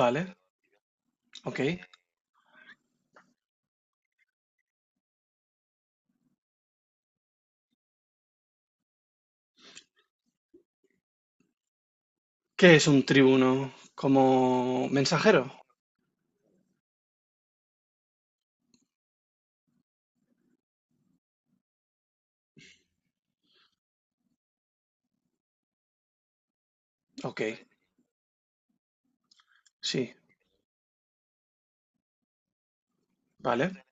Vale, ok. ¿Qué es un tribuno? ¿Como mensajero? Ok, sí, vale.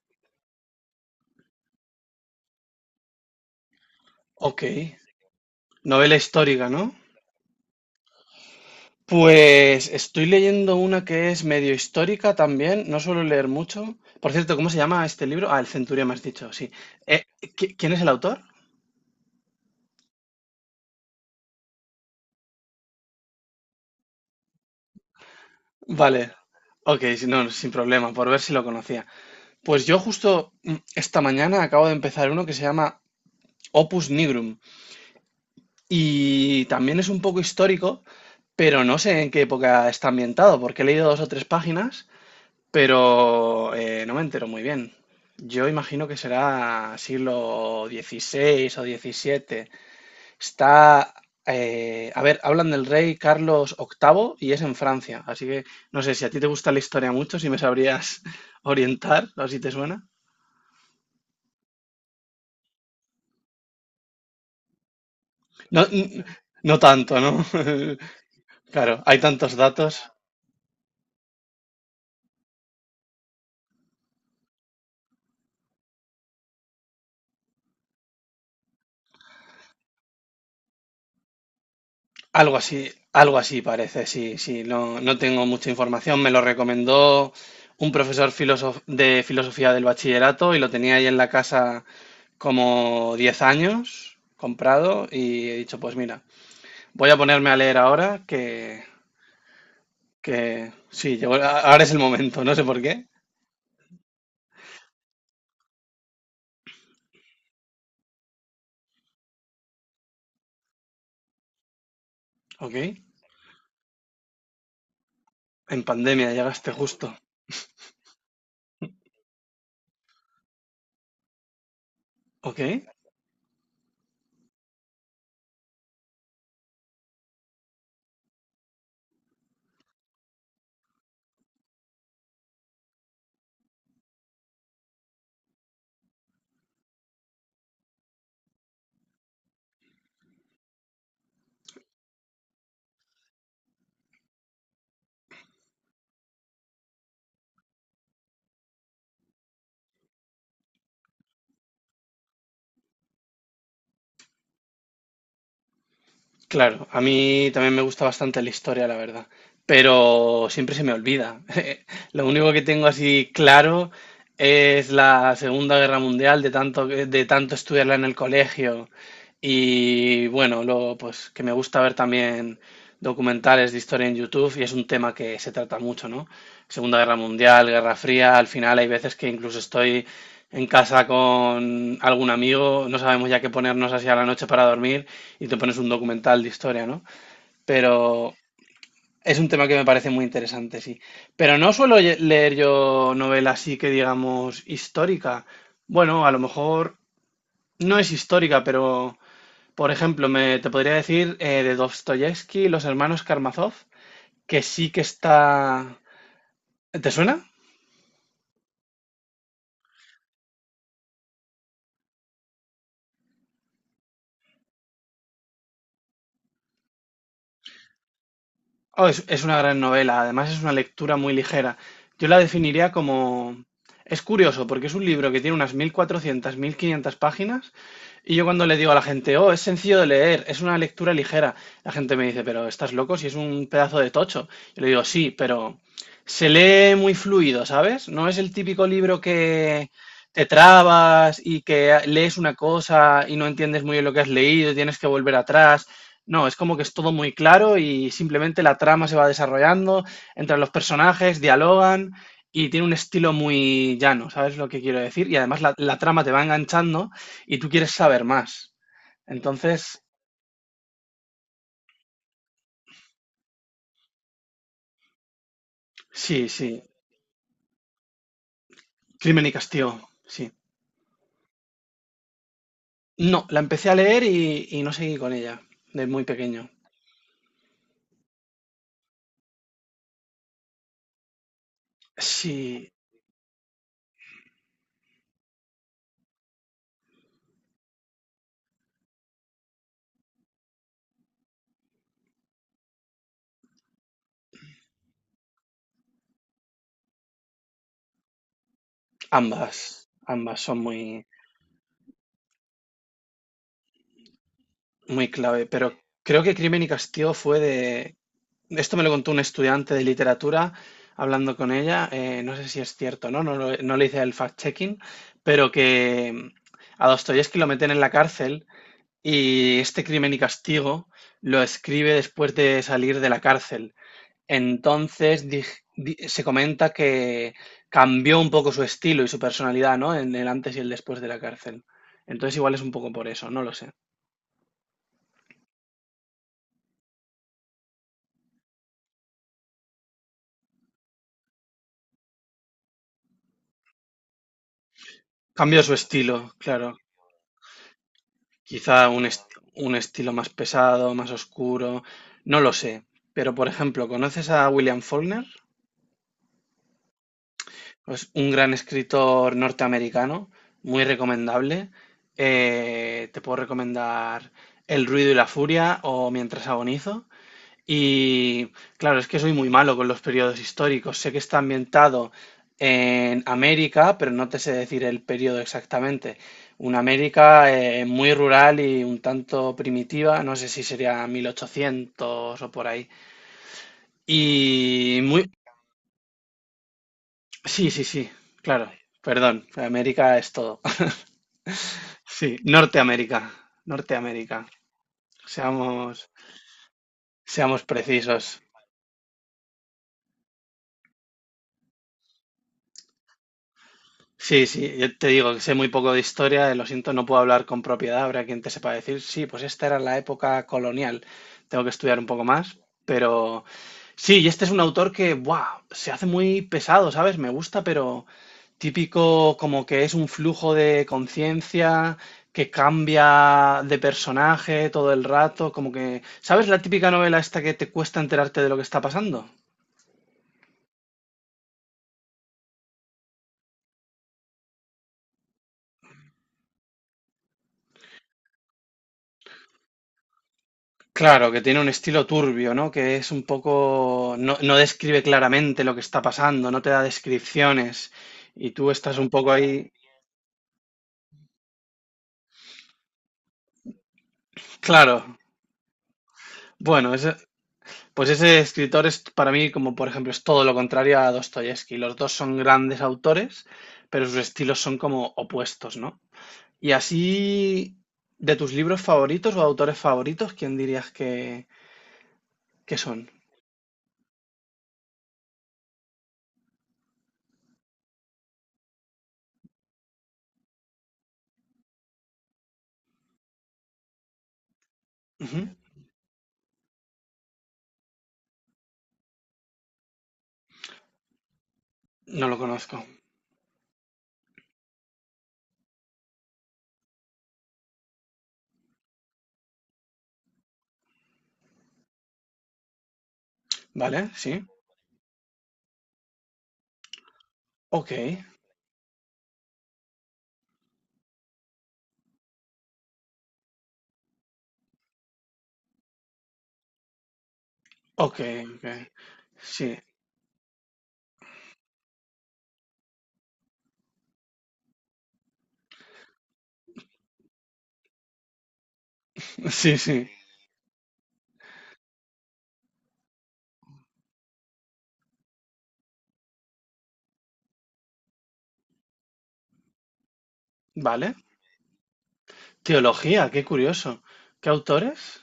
Ok. Novela histórica, ¿no? Pues estoy leyendo una que es medio histórica también, no suelo leer mucho. Por cierto, ¿cómo se llama este libro? Ah, El Centurión, me has dicho, sí. Eh, ¿quién es el autor? Vale, ok, si no, sin problema, por ver si lo conocía. Pues yo justo esta mañana acabo de empezar uno que se llama Opus Nigrum, y también es un poco histórico, pero no sé en qué época está ambientado, porque he leído dos o tres páginas, pero no me entero muy bien. Yo imagino que será siglo XVI o XVII. Está, a ver, hablan del rey Carlos octavo y es en Francia, así que no sé si a ti te gusta la historia mucho, si me sabrías orientar o si te suena. No, no tanto, ¿no? Claro, hay tantos datos. Algo así parece, sí, sí. No, no tengo mucha información. Me lo recomendó un profesor de filosofía del bachillerato y lo tenía ahí en la casa como 10 años comprado y he dicho, pues mira, voy a ponerme a leer ahora que sí, ahora es el momento, no sé por qué. Ok, en pandemia llegaste justo. Ok. Claro, a mí también me gusta bastante la historia, la verdad, pero siempre se me olvida. Lo único que tengo así claro es la Segunda Guerra Mundial, de tanto, de tanto estudiarla en el colegio y bueno, luego pues que me gusta ver también documentales de historia en YouTube y es un tema que se trata mucho, ¿no? Segunda Guerra Mundial, Guerra Fría, al final hay veces que incluso estoy en casa con algún amigo, no sabemos ya qué ponernos así a la noche para dormir y te pones un documental de historia, ¿no? Pero es un tema que me parece muy interesante, sí. Pero no suelo leer yo novela así que digamos histórica. Bueno, a lo mejor no es histórica, pero por ejemplo, me te podría decir de Dostoyevsky, Los hermanos Karamazov, que sí que está... ¿Te suena? Oh, es una gran novela, además es una lectura muy ligera. Yo la definiría como... Es curioso porque es un libro que tiene unas 1400 1500 páginas y yo cuando le digo a la gente, oh, es sencillo de leer, es una lectura ligera, la gente me dice, pero estás loco si es un pedazo de tocho. Yo le digo, sí, pero se lee muy fluido, ¿sabes? No es el típico libro que te trabas y que lees una cosa y no entiendes muy bien lo que has leído y tienes que volver atrás. No, es como que es todo muy claro y simplemente la trama se va desarrollando, entran los personajes, dialogan y tiene un estilo muy llano, ¿sabes lo que quiero decir? Y además la trama te va enganchando y tú quieres saber más. Entonces, sí, sí, Crimen y Castigo, sí. No, la empecé a leer y no seguí con ella, de muy pequeño. Sí, ambas, ambas son muy, muy clave, pero creo que Crimen y Castigo fue de. Esto me lo contó un estudiante de literatura hablando con ella. No sé si es cierto, ¿no? No, no le hice el fact-checking, pero que a Dostoyevsky lo meten en la cárcel y este crimen y castigo lo escribe después de salir de la cárcel. Entonces se comenta que cambió un poco su estilo y su personalidad, ¿no? En el antes y el después de la cárcel. Entonces igual es un poco por eso, no lo sé. Cambió su estilo, claro, quizá un estilo más pesado, más oscuro, no lo sé. Pero, por ejemplo, ¿conoces a William Faulkner? Es un gran escritor norteamericano, muy recomendable. Te puedo recomendar El ruido y la furia o Mientras agonizo. Y claro, es que soy muy malo con los periodos históricos. Sé que está ambientado en América, pero no te sé decir el periodo exactamente. Una América muy rural y un tanto primitiva, no sé si sería 1800 o por ahí. Y muy... Sí, sí, sí, claro, perdón, América es todo. Sí, Norteamérica, Norteamérica, seamos, seamos precisos. Sí, sí, yo te digo que sé muy poco de historia, lo siento, no puedo hablar con propiedad, habrá quien te sepa decir, sí, pues esta era la época colonial, tengo que estudiar un poco más, pero sí, y este es un autor que, ¡buah!, se hace muy pesado, ¿sabes? Me gusta, pero típico como que es un flujo de conciencia, que cambia de personaje todo el rato, como que, ¿sabes la típica novela esta que te cuesta enterarte de lo que está pasando? Claro, que tiene un estilo turbio, ¿no? Que es un poco, no, no describe claramente lo que está pasando, no te da descripciones y tú estás un poco ahí. Claro, bueno, pues ese escritor es para mí como, por ejemplo, es todo lo contrario a Dostoyevsky. Los dos son grandes autores, pero sus estilos son como opuestos, ¿no? Y así, de tus libros favoritos o autores favoritos, ¿quién dirías que son? Ujú. No lo conozco, ¿vale? Sí. Ok, ok, ok. Sí. Sí, sí. Vale. Teología, qué curioso. ¿Qué autores?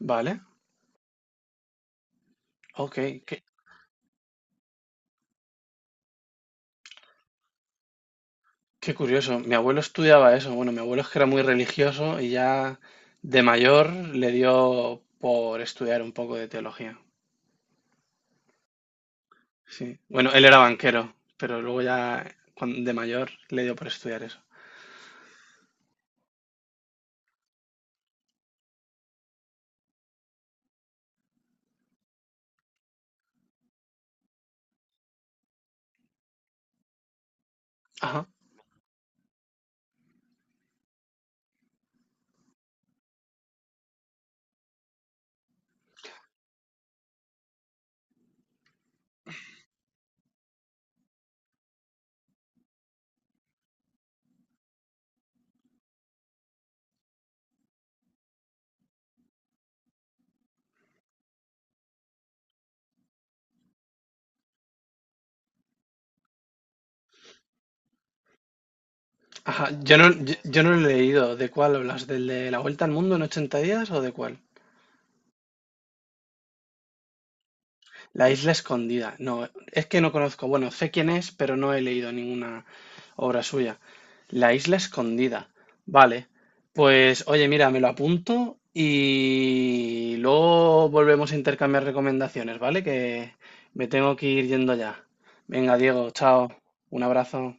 Vale. Ok, qué, qué curioso. Mi abuelo estudiaba eso. Bueno, mi abuelo es que era muy religioso y ya de mayor le dio por estudiar un poco de teología. Sí. Bueno, él era banquero, pero luego ya de mayor le dio por estudiar eso. Ajá, ajá. Yo no lo he leído. ¿De cuál hablas? ¿Del de La Vuelta al Mundo en 80 días o de cuál? La isla escondida. No, es que no conozco. Bueno, sé quién es, pero no he leído ninguna obra suya. La isla escondida. Vale. Pues, oye, mira, me lo apunto y luego volvemos a intercambiar recomendaciones, ¿vale? Que me tengo que ir yendo ya. Venga, Diego, chao. Un abrazo.